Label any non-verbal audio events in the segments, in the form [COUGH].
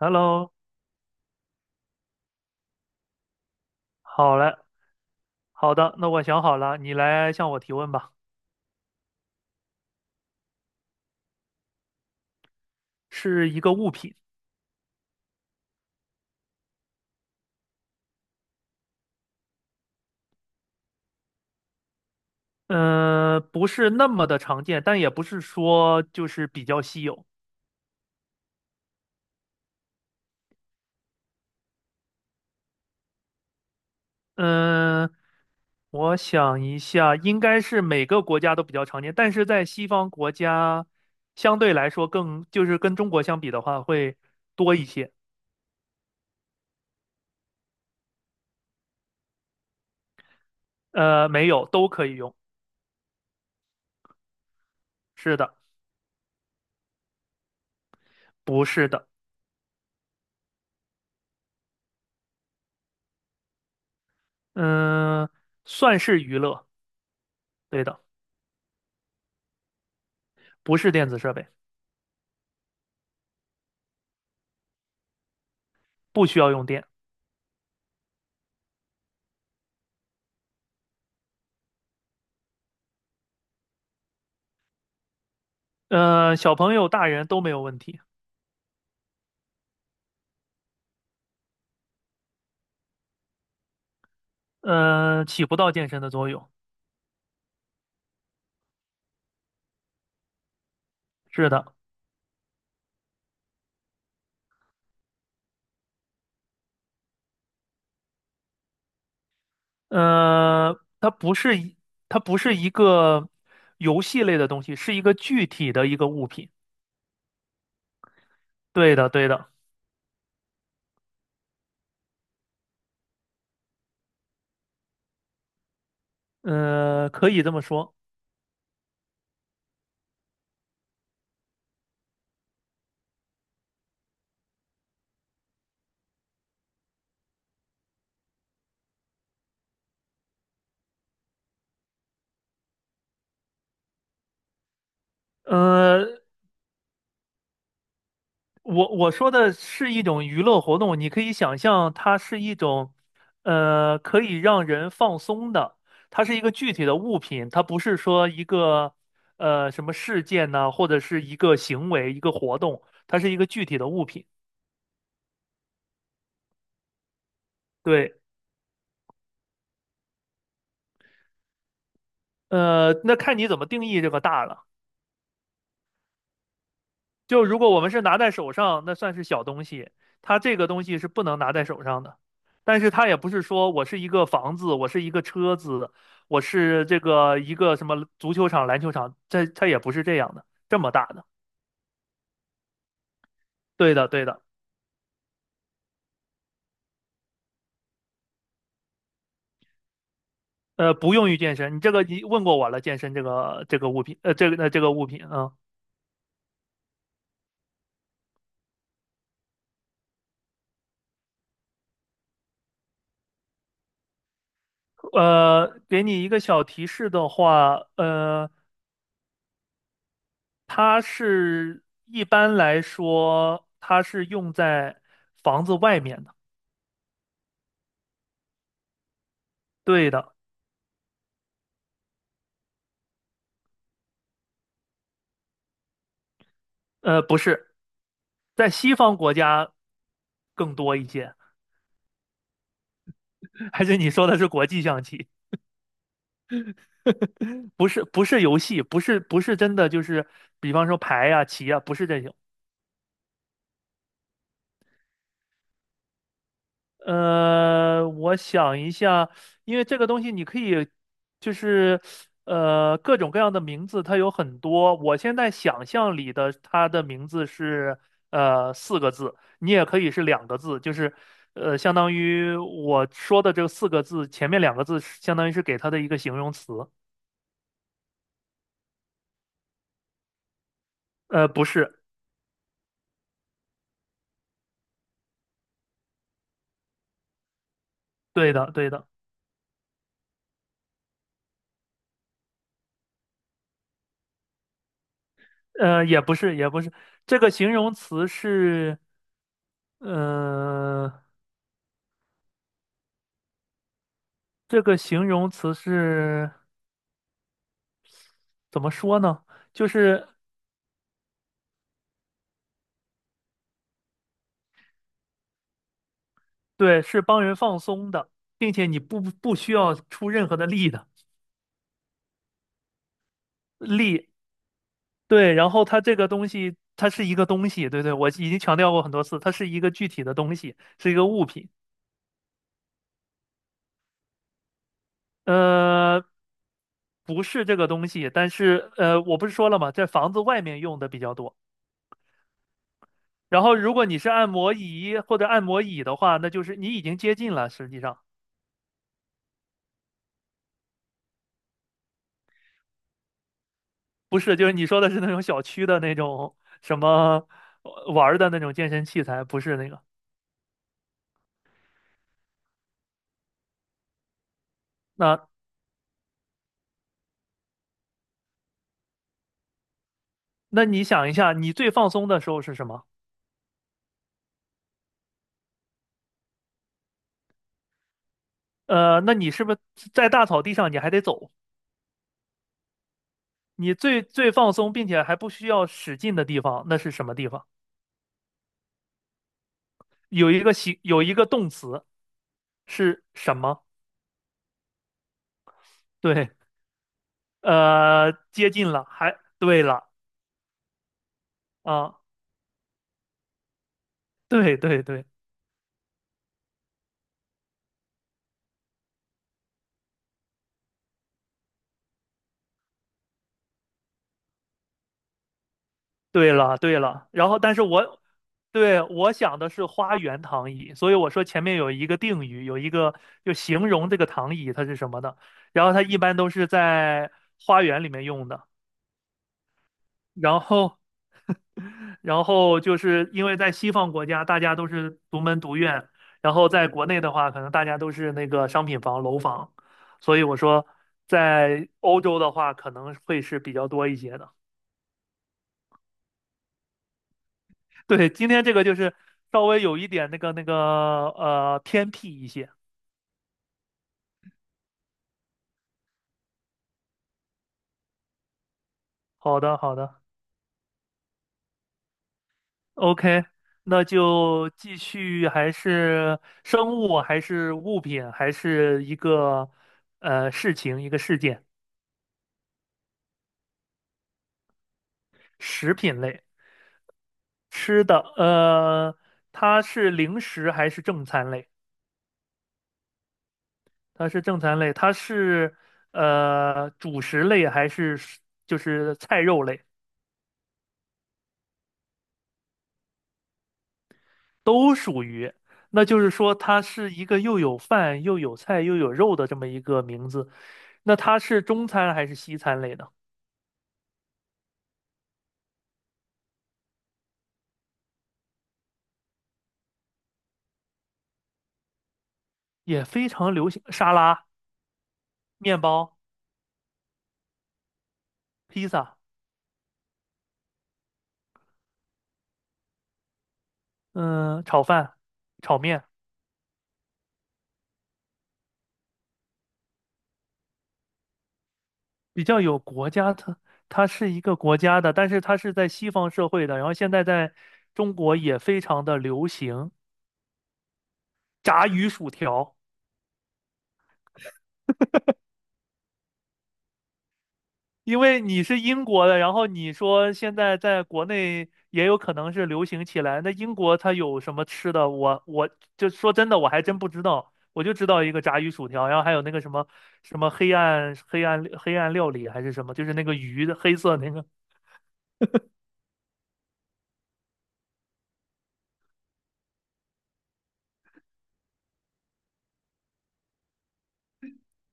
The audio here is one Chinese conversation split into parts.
Hello，好嘞，好的，那我想好了，你来向我提问吧。是一个物品，嗯、不是那么的常见，但也不是说就是比较稀有。嗯、我想一下，应该是每个国家都比较常见，但是在西方国家相对来说更，就是跟中国相比的话会多一些。没有，都可以用。是的，不是的，嗯、算是娱乐，对的，不是电子设备，不需要用电。小朋友、大人都没有问题，起不到健身的作用。是的，呃，它不是一，它不是一个游戏类的东西，是一个具体的一个物品。对的，对的，可以这么说。呃，我我说的是一种娱乐活动，你可以想象它是一种，可以让人放松的，它是一个具体的物品，它不是说一个，什么事件呢，或者是一个行为、一个活动，它是一个具体的物品。对，那看你怎么定义这个大了。就如果我们是拿在手上，那算是小东西，它这个东西是不能拿在手上的。但是它也不是说我是一个房子，我是一个车子，我是这个一个什么足球场、篮球场，这它也不是这样的，这么大的。对的，对的，不用于健身。你这个你问过我了，健身这个物品，这个物品啊，给你一个小提示的话，一般来说它是用在房子外面的。对的，不是，在西方国家更多一些，[LAUGHS] 还是你说的是国际象棋？不是，不是游戏，不是，不是真的，就是比方说牌呀、棋呀，不是这种。我想一下，因为这个东西你可以，就是各种各样的名字，它有很多。我现在想象里的它的名字是四个字，你也可以是两个字，就是相当于我说的这个四个字前面两个字是相当于是给它的一个形容词。不是，对的，对的，也不是，也不是，这个形容词是，呃，这个形容词是。怎么说呢？就是对，是帮人放松的，并且你不需要出任何的力。对，然后它这个东西，它是一个东西，对对，我已经强调过很多次，它是一个具体的东西，是一个物品。呃，不是这个东西，但是我不是说了吗？在房子外面用的比较多。然后，如果你是按摩仪或者按摩椅的话，那就是你已经接近了，实际上。不是，就是你说的是那种小区的那种什么玩儿的那种健身器材，不是那个。那那你想一下，你最放松的时候是什么？那你是不是在大草地上你还得走？你最最放松并且还不需要使劲的地方，那是什么地方？有一个动词是什么？对，接近了，还对了啊，对对对。对了，对了，然后但是我想的是花园躺椅，所以我说前面有一个定语，有一个就形容这个躺椅它是什么的，然后它一般都是在花园里面用的，然后就是因为在西方国家大家都是独门独院，然后在国内的话可能大家都是那个商品房楼房，所以我说在欧洲的话可能会是比较多一些的。对，今天这个就是稍微有一点那个偏僻一些。好的，好的，OK，那就继续，还是生物，还是物品，还是一个事情，一个事件，食品类，吃的，它是零食还是正餐类？它是正餐类，它是主食类还是就是菜肉类？都属于，那就是说它是一个又有饭又有菜又有肉的这么一个名字。那它是中餐还是西餐类的？也非常流行沙拉、面包、披萨，嗯，炒饭、炒面，比较有国家特，它是一个国家的，但是它是在西方社会的，然后现在在中国也非常的流行炸鱼薯条。因为你是英国的，然后你说现在在国内也有可能是流行起来，那英国它有什么吃的？我就说真的，我还真不知道，我就知道一个炸鱼薯条，然后还有那个什么黑暗料理还是什么，就是那个鱼的黑色那个。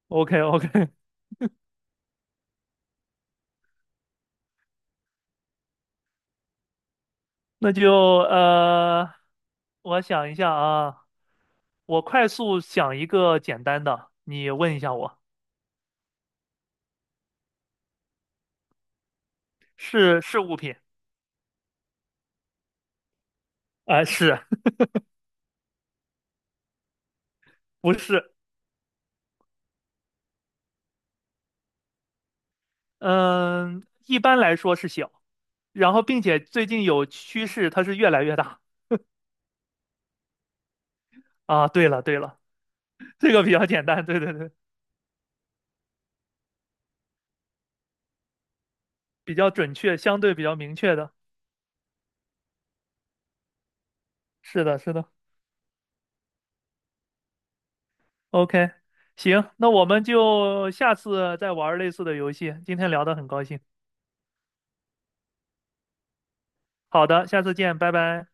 OK OK，[LAUGHS] 那就呃，我想一下啊，我快速想一个简单的，你问一下我，是物品啊，是 [LAUGHS] 不是？嗯，一般来说是小，然后并且最近有趋势，它是越来越大啊。对了对了，这个比较简单，对对对，比较准确，相对比较明确的。是的，是的。OK，行，那我们就下次再玩类似的游戏。今天聊得很高兴，好的，下次见，拜拜。